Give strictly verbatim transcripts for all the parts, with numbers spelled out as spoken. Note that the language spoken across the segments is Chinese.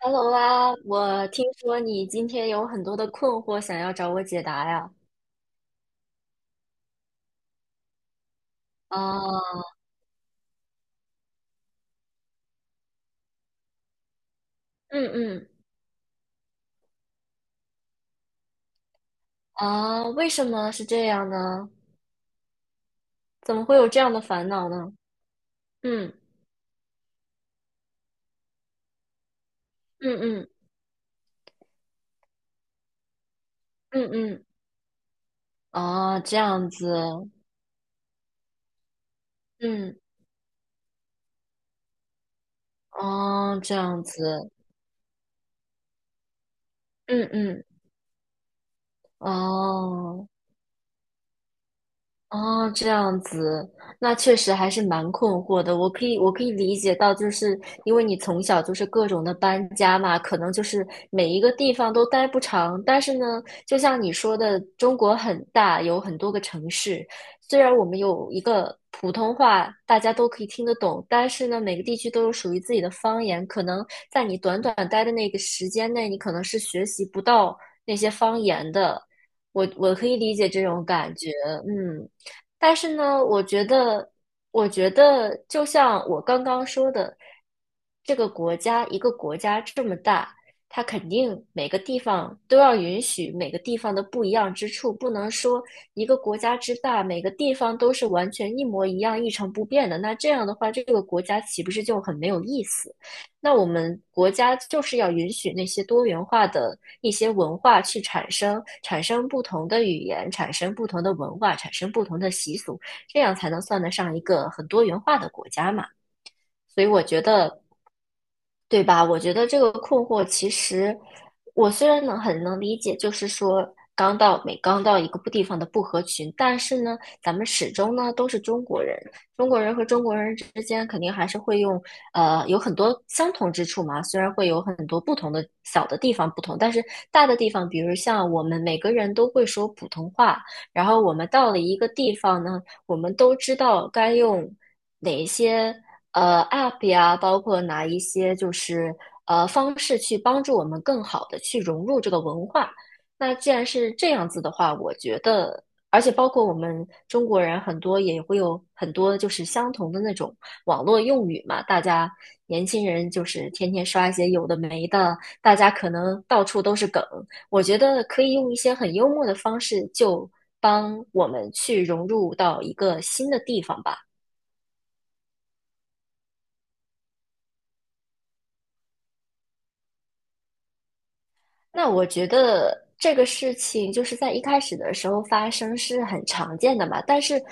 Hello 啊，我听说你今天有很多的困惑想要找我解答呀？啊，嗯嗯，啊，为什么是这样呢？怎么会有这样的烦恼呢？嗯嗯嗯嗯嗯，啊，这样子，嗯，哦，这样子，嗯嗯，哦，哦，这样子，那确实还是蛮困惑的。我可以，我可以理解到，就是因为你从小就是各种的搬家嘛，可能就是每一个地方都待不长。但是呢，就像你说的，中国很大，有很多个城市。虽然我们有一个普通话，大家都可以听得懂，但是呢，每个地区都有属于自己的方言。可能在你短短待的那个时间内，你可能是学习不到那些方言的。我我可以理解这种感觉，嗯。但是呢，我觉得，我觉得就像我刚刚说的，这个国家，一个国家这么大，它肯定每个地方都要允许每个地方的不一样之处，不能说一个国家之大，每个地方都是完全一模一样、一成不变的。那这样的话，这个国家岂不是就很没有意思？那我们国家就是要允许那些多元化的一些文化去产生，产生不同的语言，产生不同的文化，产生不同的习俗，这样才能算得上一个很多元化的国家嘛。所以我觉得对吧？我觉得这个困惑，其实我虽然能很能理解，就是说刚到每刚到一个不地方的不合群，但是呢，咱们始终呢都是中国人，中国人和中国人之间肯定还是会用呃有很多相同之处嘛，虽然会有很多不同的小的地方不同，但是大的地方，比如像我们每个人都会说普通话，然后我们到了一个地方呢，我们都知道该用哪一些。呃 App 呀，包括哪一些就是呃方式去帮助我们更好的去融入这个文化。那既然是这样子的话，我觉得，而且包括我们中国人很多也会有很多就是相同的那种网络用语嘛，大家年轻人就是天天刷一些有的没的，大家可能到处都是梗。我觉得可以用一些很幽默的方式，就帮我们去融入到一个新的地方吧。那我觉得这个事情就是在一开始的时候发生是很常见的嘛，但是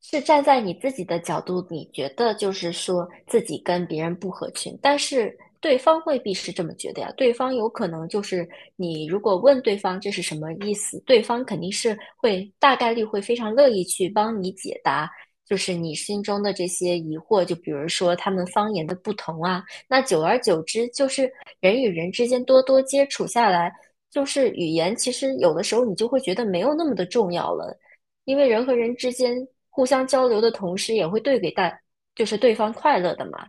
是站在你自己的角度，你觉得就是说自己跟别人不合群，但是对方未必是这么觉得呀。对方有可能就是你如果问对方这是什么意思，对方肯定是会大概率会非常乐意去帮你解答，就是你心中的这些疑惑，就比如说他们方言的不同啊。那久而久之，就是人与人之间多多接触下来，就是语言其实有的时候你就会觉得没有那么的重要了，因为人和人之间互相交流的同时，也会对给大，就是对方快乐的嘛。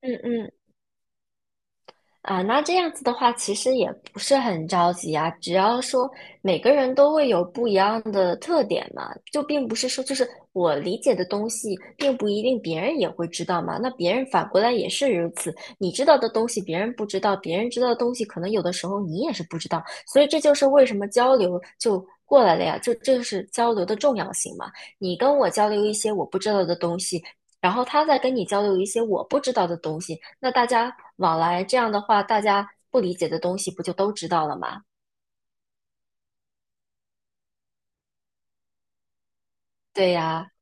嗯嗯啊，那这样子的话，其实也不是很着急啊。只要说每个人都会有不一样的特点嘛，就并不是说就是我理解的东西，并不一定别人也会知道嘛。那别人反过来也是如此，你知道的东西别人不知道，别人知道的东西可能有的时候你也是不知道。所以这就是为什么交流就过来了呀，就这就是交流的重要性嘛。你跟我交流一些我不知道的东西，然后他再跟你交流一些我不知道的东西，那大家往来这样的话，大家不理解的东西不就都知道了吗？对呀，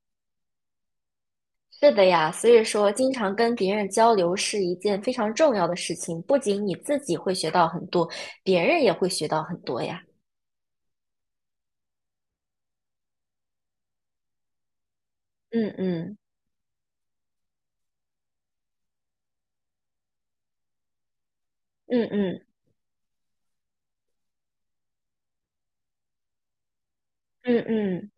是的呀，所以说经常跟别人交流是一件非常重要的事情，不仅你自己会学到很多，别人也会学到很多呀。嗯嗯嗯嗯嗯嗯。嗯嗯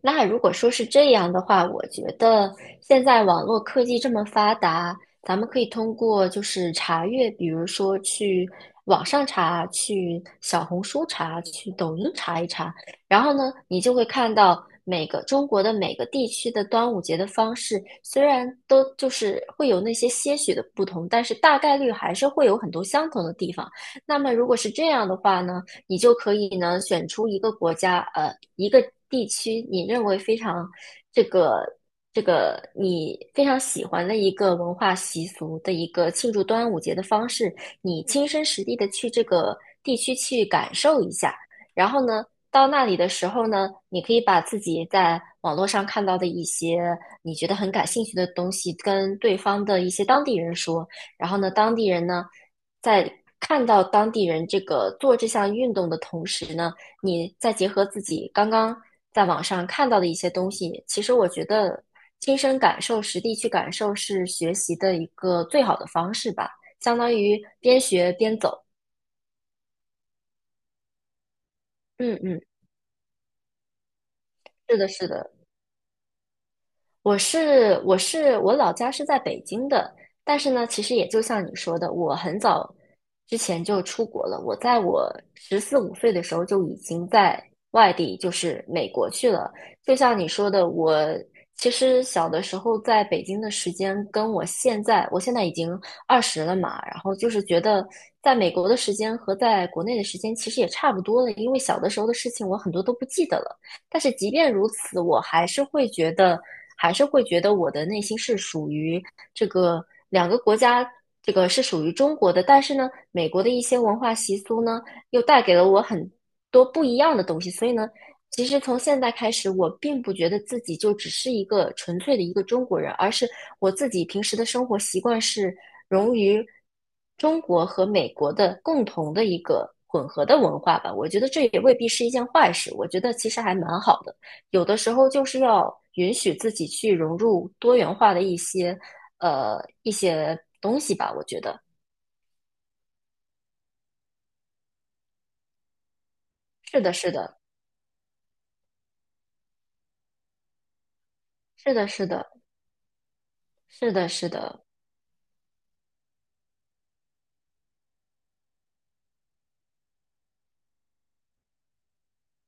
那如果说是这样的话，我觉得现在网络科技这么发达，咱们可以通过就是查阅，比如说去网上查，去小红书查，去抖音查一查，然后呢，你就会看到每个中国的每个地区的端午节的方式，虽然都就是会有那些些许的不同，但是大概率还是会有很多相同的地方。那么如果是这样的话呢？你就可以呢选出一个国家，呃，一个地区，你认为非常这个这个你非常喜欢的一个文化习俗的一个庆祝端午节的方式，你亲身实地的去这个地区去感受一下，然后呢。到那里的时候呢，你可以把自己在网络上看到的一些你觉得很感兴趣的东西，跟对方的一些当地人说，然后呢，当地人呢，在看到当地人这个做这项运动的同时呢，你再结合自己刚刚在网上看到的一些东西，其实我觉得亲身感受、实地去感受是学习的一个最好的方式吧，相当于边学边走。嗯嗯，是的，是的。我是我是我老家是在北京的，但是呢，其实也就像你说的，我很早之前就出国了。我在我十四五岁的时候就已经在外地，就是美国去了。就像你说的，我其实小的时候在北京的时间，跟我现在我现在已经二十了嘛，然后就是觉得在美国的时间和在国内的时间其实也差不多了，因为小的时候的事情我很多都不记得了。但是即便如此，我还是会觉得，还是会觉得我的内心是属于这个两个国家，这个是属于中国的。但是呢，美国的一些文化习俗呢，又带给了我很多不一样的东西。所以呢，其实从现在开始，我并不觉得自己就只是一个纯粹的一个中国人，而是我自己平时的生活习惯是融于中国和美国的共同的一个混合的文化吧。我觉得这也未必是一件坏事，我觉得其实还蛮好的。有的时候就是要允许自己去融入多元化的一些呃一些东西吧。我觉得是的，是的，是的，是的，是的，是的。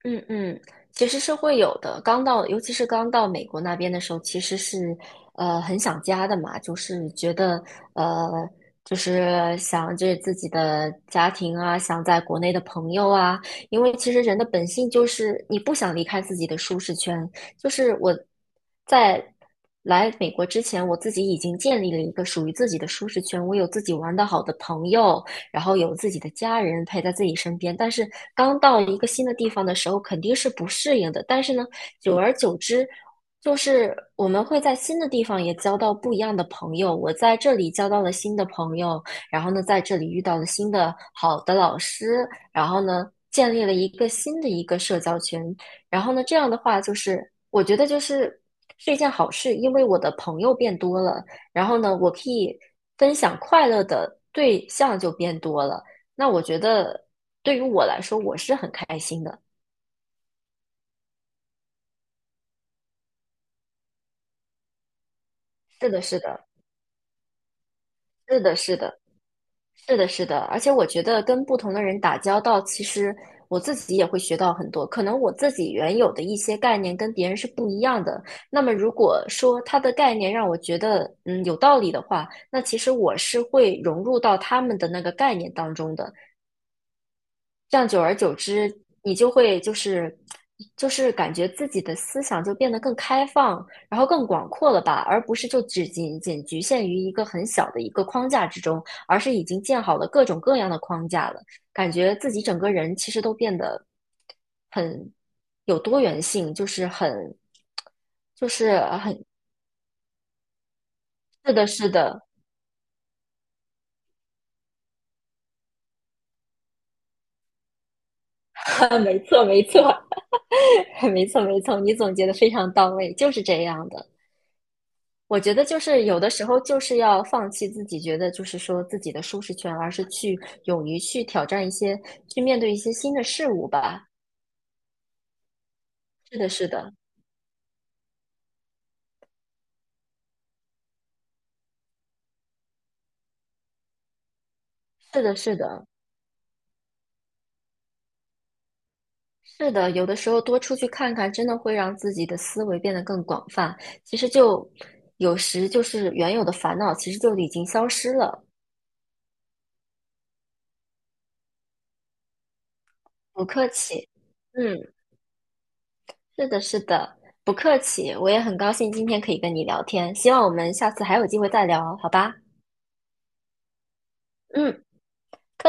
嗯嗯，其实是会有的。刚到，尤其是刚到美国那边的时候，其实是呃很想家的嘛，就是觉得呃就是想着自己的家庭啊，想在国内的朋友啊，因为其实人的本性就是你不想离开自己的舒适圈。就是我在来美国之前，我自己已经建立了一个属于自己的舒适圈，我有自己玩的好的朋友，然后有自己的家人陪在自己身边。但是刚到一个新的地方的时候，肯定是不适应的。但是呢，久而久之，就是我们会在新的地方也交到不一样的朋友。我在这里交到了新的朋友，然后呢，在这里遇到了新的好的老师，然后呢，建立了一个新的一个社交圈。然后呢，这样的话就是，我觉得就是。是一件好事，因为我的朋友变多了，然后呢，我可以分享快乐的对象就变多了。那我觉得对于我来说，我是很开心的。是的，是的，是的，是的，是的，是的。而且我觉得跟不同的人打交道，其实我自己也会学到很多。可能我自己原有的一些概念跟别人是不一样的。那么如果说他的概念让我觉得嗯有道理的话，那其实我是会融入到他们的那个概念当中的。这样久而久之，你就会就是就是感觉自己的思想就变得更开放，然后更广阔了吧，而不是就只仅仅局限于一个很小的一个框架之中，而是已经建好了各种各样的框架了，感觉自己整个人其实都变得很有多元性，就是很就是很是的，是的，没错，没错，没错，没错，你总结的非常到位，就是这样的。我觉得就是有的时候就是要放弃自己觉得就是说自己的舒适圈，而是去勇于去挑战一些，去面对一些新的事物吧。是的，是的，是的，是的，是的。有的时候多出去看看，真的会让自己的思维变得更广泛。其实就有时就是原有的烦恼，其实就已经消失了。不客气，嗯，是的，是的，不客气。我也很高兴今天可以跟你聊天，希望我们下次还有机会再聊，好吧？嗯。